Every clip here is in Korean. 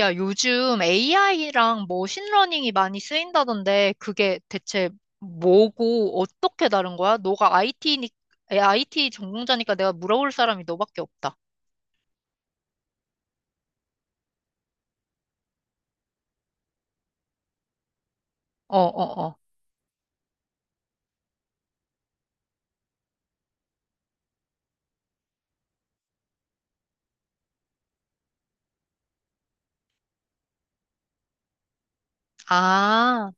야, 요즘 AI랑 머신러닝이 많이 쓰인다던데 그게 대체 뭐고 어떻게 다른 거야? 너가 IT 전공자니까 내가 물어볼 사람이 너밖에 없다. 어, 어, 어. 아,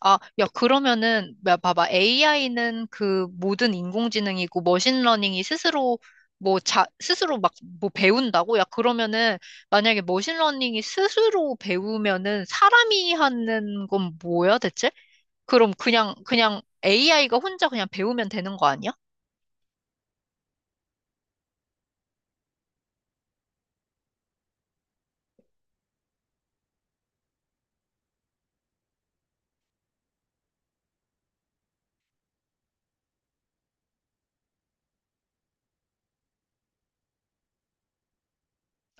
아, 야, 그러면은, 야, 봐봐. AI는 그 모든 인공지능이고 머신러닝이 스스로 뭐 자, 스스로 막 뭐 배운다고? 야, 그러면은 만약에 머신러닝이 스스로 배우면은 사람이 하는 건 뭐야, 대체? 그럼 그냥 AI가 혼자 그냥 배우면 되는 거 아니야?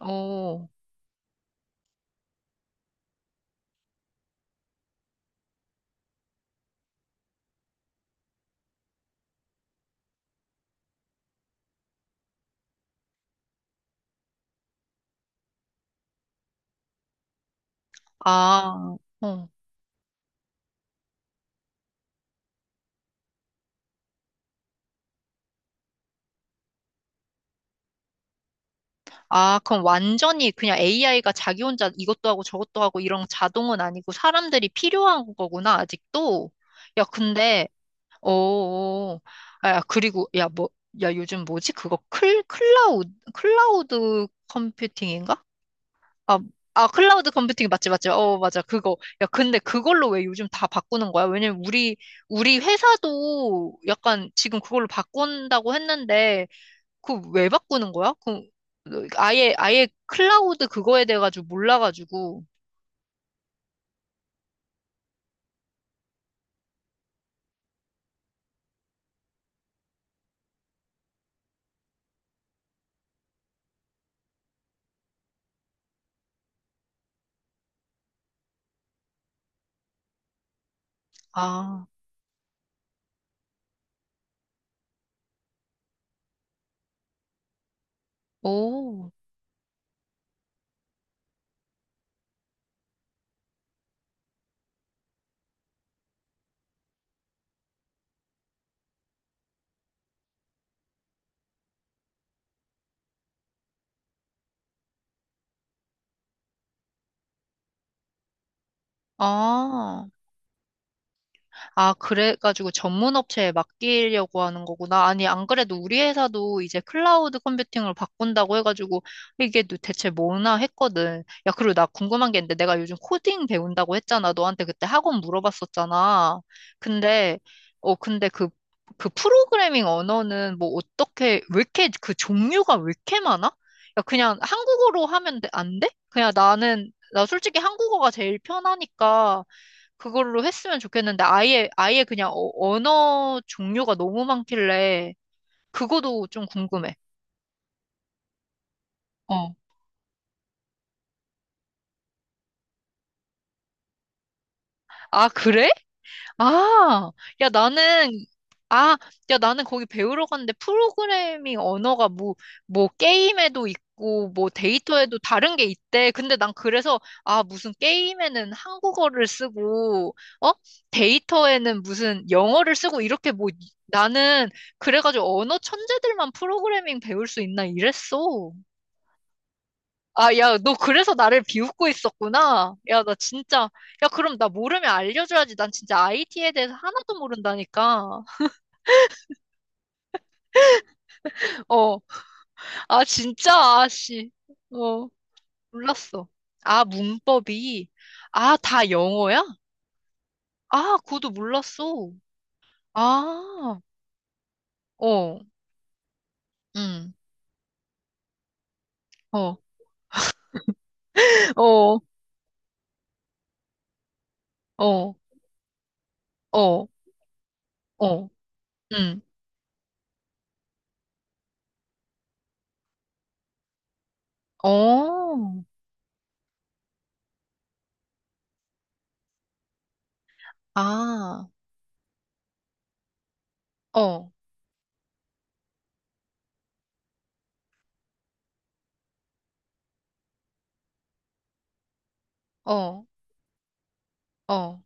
오, 아, 어. 아, 그럼 완전히 그냥 AI가 자기 혼자 이것도 하고 저것도 하고 이런 자동은 아니고 사람들이 필요한 거구나, 아직도. 야, 근데, 어, 어. 야, 그리고, 야, 뭐, 야, 요즘 뭐지? 그거 클라우드 컴퓨팅인가? 아, 아, 클라우드 컴퓨팅 맞지, 맞지. 어, 맞아. 그거. 야, 근데 그걸로 왜 요즘 다 바꾸는 거야? 우리 회사도 약간 지금 그걸로 바꾼다고 했는데, 그거 왜 바꾸는 거야? 그, 아예 클라우드 그거에 대해 가지고 몰라가지고. 아, 오, 아. 아, 그래가지고 전문 업체에 맡기려고 하는 거구나. 아니, 안 그래도 우리 회사도 이제 클라우드 컴퓨팅을 바꾼다고 해가지고 이게 또 대체 뭐나 했거든. 야, 그리고 나 궁금한 게 있는데 내가 요즘 코딩 배운다고 했잖아. 너한테 그때 학원 물어봤었잖아. 근데, 어, 근데 그, 그 프로그래밍 언어는 뭐 어떻게, 왜 이렇게 그 종류가 왜 이렇게 많아? 야, 그냥 한국어로 하면 돼- 안 돼? 나 솔직히 한국어가 제일 편하니까 그걸로 했으면 좋겠는데 아예 그냥 어- 언어 종류가 너무 많길래 그거도 좀 궁금해. 어. 아, 그래? 아, 야, 나는, 아, 야, 나는 거기 배우러 갔는데 프로그래밍 언어가 뭐, 뭐 게임에도 있고, 뭐 데이터에도 다른 게 있대. 근데 난 그래서, 아, 무슨 게임에는 한국어를 쓰고, 어? 데이터에는 무슨 영어를 쓰고, 이렇게 뭐, 나는 그래가지고 언어 천재들만 프로그래밍 배울 수 있나 이랬어. 아, 야, 너 그래서 나를 비웃고 있었구나. 야, 나 진짜, 야, 그럼 나 모르면 알려줘야지. 난 진짜 IT에 대해서 하나도 모른다니까. 어, 아, 진짜, 아씨. 어, 몰랐어. 아, 문법이, 아, 다 영어야? 아, 그것도 몰랐어. 아, 어, 음, 어, 어, 어, 어, 어, 음, 어, 아, 어, 어, 어.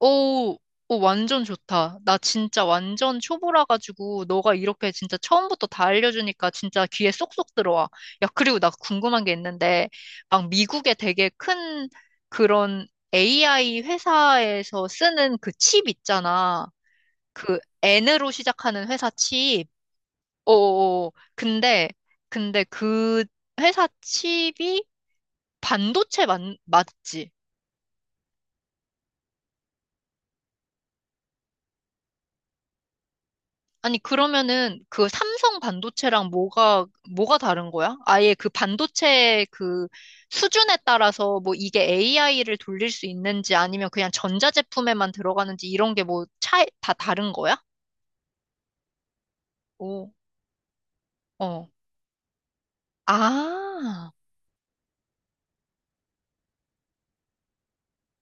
오, 오, 완전 좋다. 나 진짜 완전 초보라 가지고 너가 이렇게 진짜 처음부터 다 알려주니까 진짜 귀에 쏙쏙 들어와. 야, 그리고 나 궁금한 게 있는데, 막 미국에 되게 큰 그런 AI 회사에서 쓰는 그 칩 있잖아. 그 N으로 시작하는 회사 칩. 오, 근데 근데 그 회사 칩이 반도체 맞, 맞지? 아니, 그러면은 그 삼성 반도체랑 뭐가, 뭐가 다른 거야? 아예 그 반도체 그 수준에 따라서 뭐 이게 AI를 돌릴 수 있는지 아니면 그냥 전자제품에만 들어가는지 이런 게 뭐 차이, 다 다른 거야? 오, 어. 아,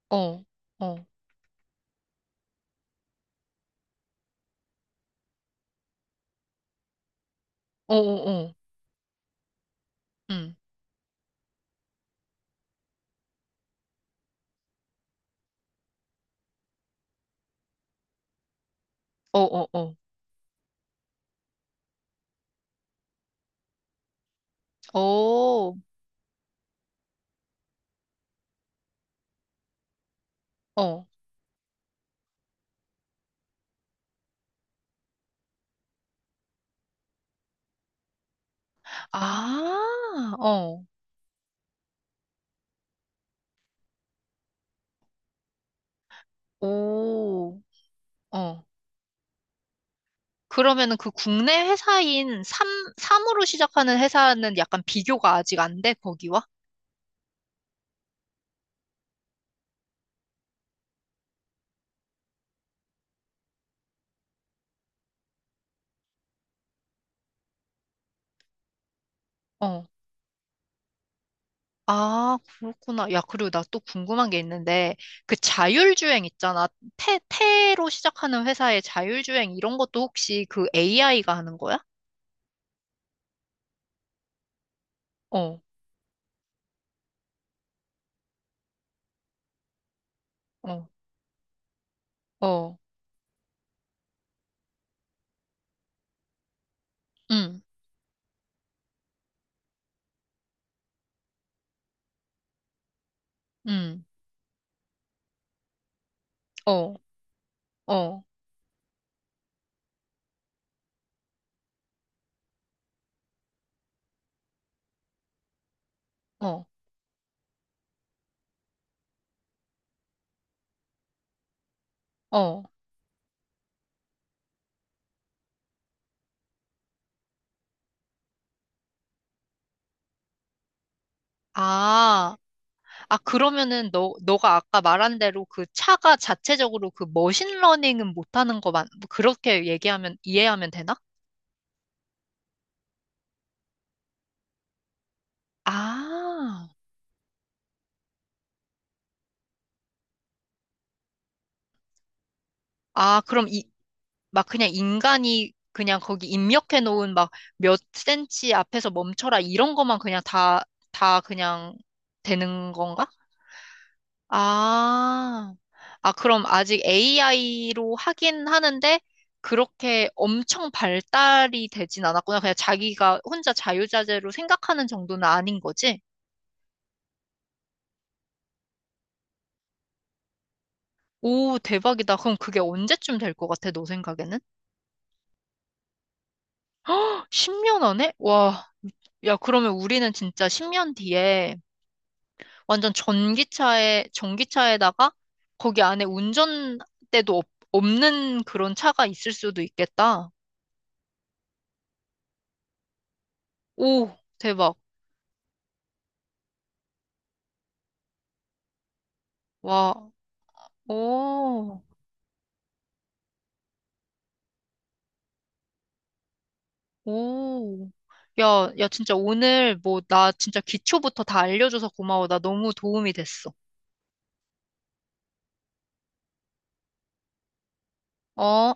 어, 어, 어, 어, 어, 응, 어, 어, 어, 어, 어, 아, 어, 오, 어. 그러면은 그 국내 회사인 삼, 삼으로 시작하는 회사는 약간 비교가 아직 안 돼, 거기와? 어. 아, 그렇구나. 야, 그리고 나 또 궁금한 게 있는데, 그 자율주행 있잖아. 태, 태로 시작하는 회사의 자율주행 이런 것도 혹시 그 AI가 하는 거야? 어, 어, 어, 응, 응, 어, 어, 어, 어. 아, 아, 그러면은 너, 너가 아까 말한 대로 그 차가 자체적으로 그 머신러닝은 못하는 거 맞, 뭐 그렇게 얘기하면, 이해하면 되나? 아, 아, 그럼 이, 막 그냥 인간이 그냥 거기 입력해 놓은 막 몇 센치 앞에서 멈춰라 이런 것만 그냥 다, 다 그냥 되는 건가? 아, 아, 그럼 아직 AI로 하긴 하는데, 그렇게 엄청 발달이 되진 않았구나. 그냥 자기가 혼자 자유자재로 생각하는 정도는 아닌 거지? 오, 대박이다. 그럼 그게 언제쯤 될 것 같아, 너 생각에는? 10년 안에? 와, 야, 그러면 우리는 진짜 10년 뒤에 완전 전기차에다가 거기 안에 운전대도 없, 없는 그런 차가 있을 수도 있겠다. 오, 대박. 와, 오, 오. 야, 야, 진짜 오늘 뭐, 나 진짜 기초부터 다 알려줘서 고마워. 나 너무 도움이 됐어. 어?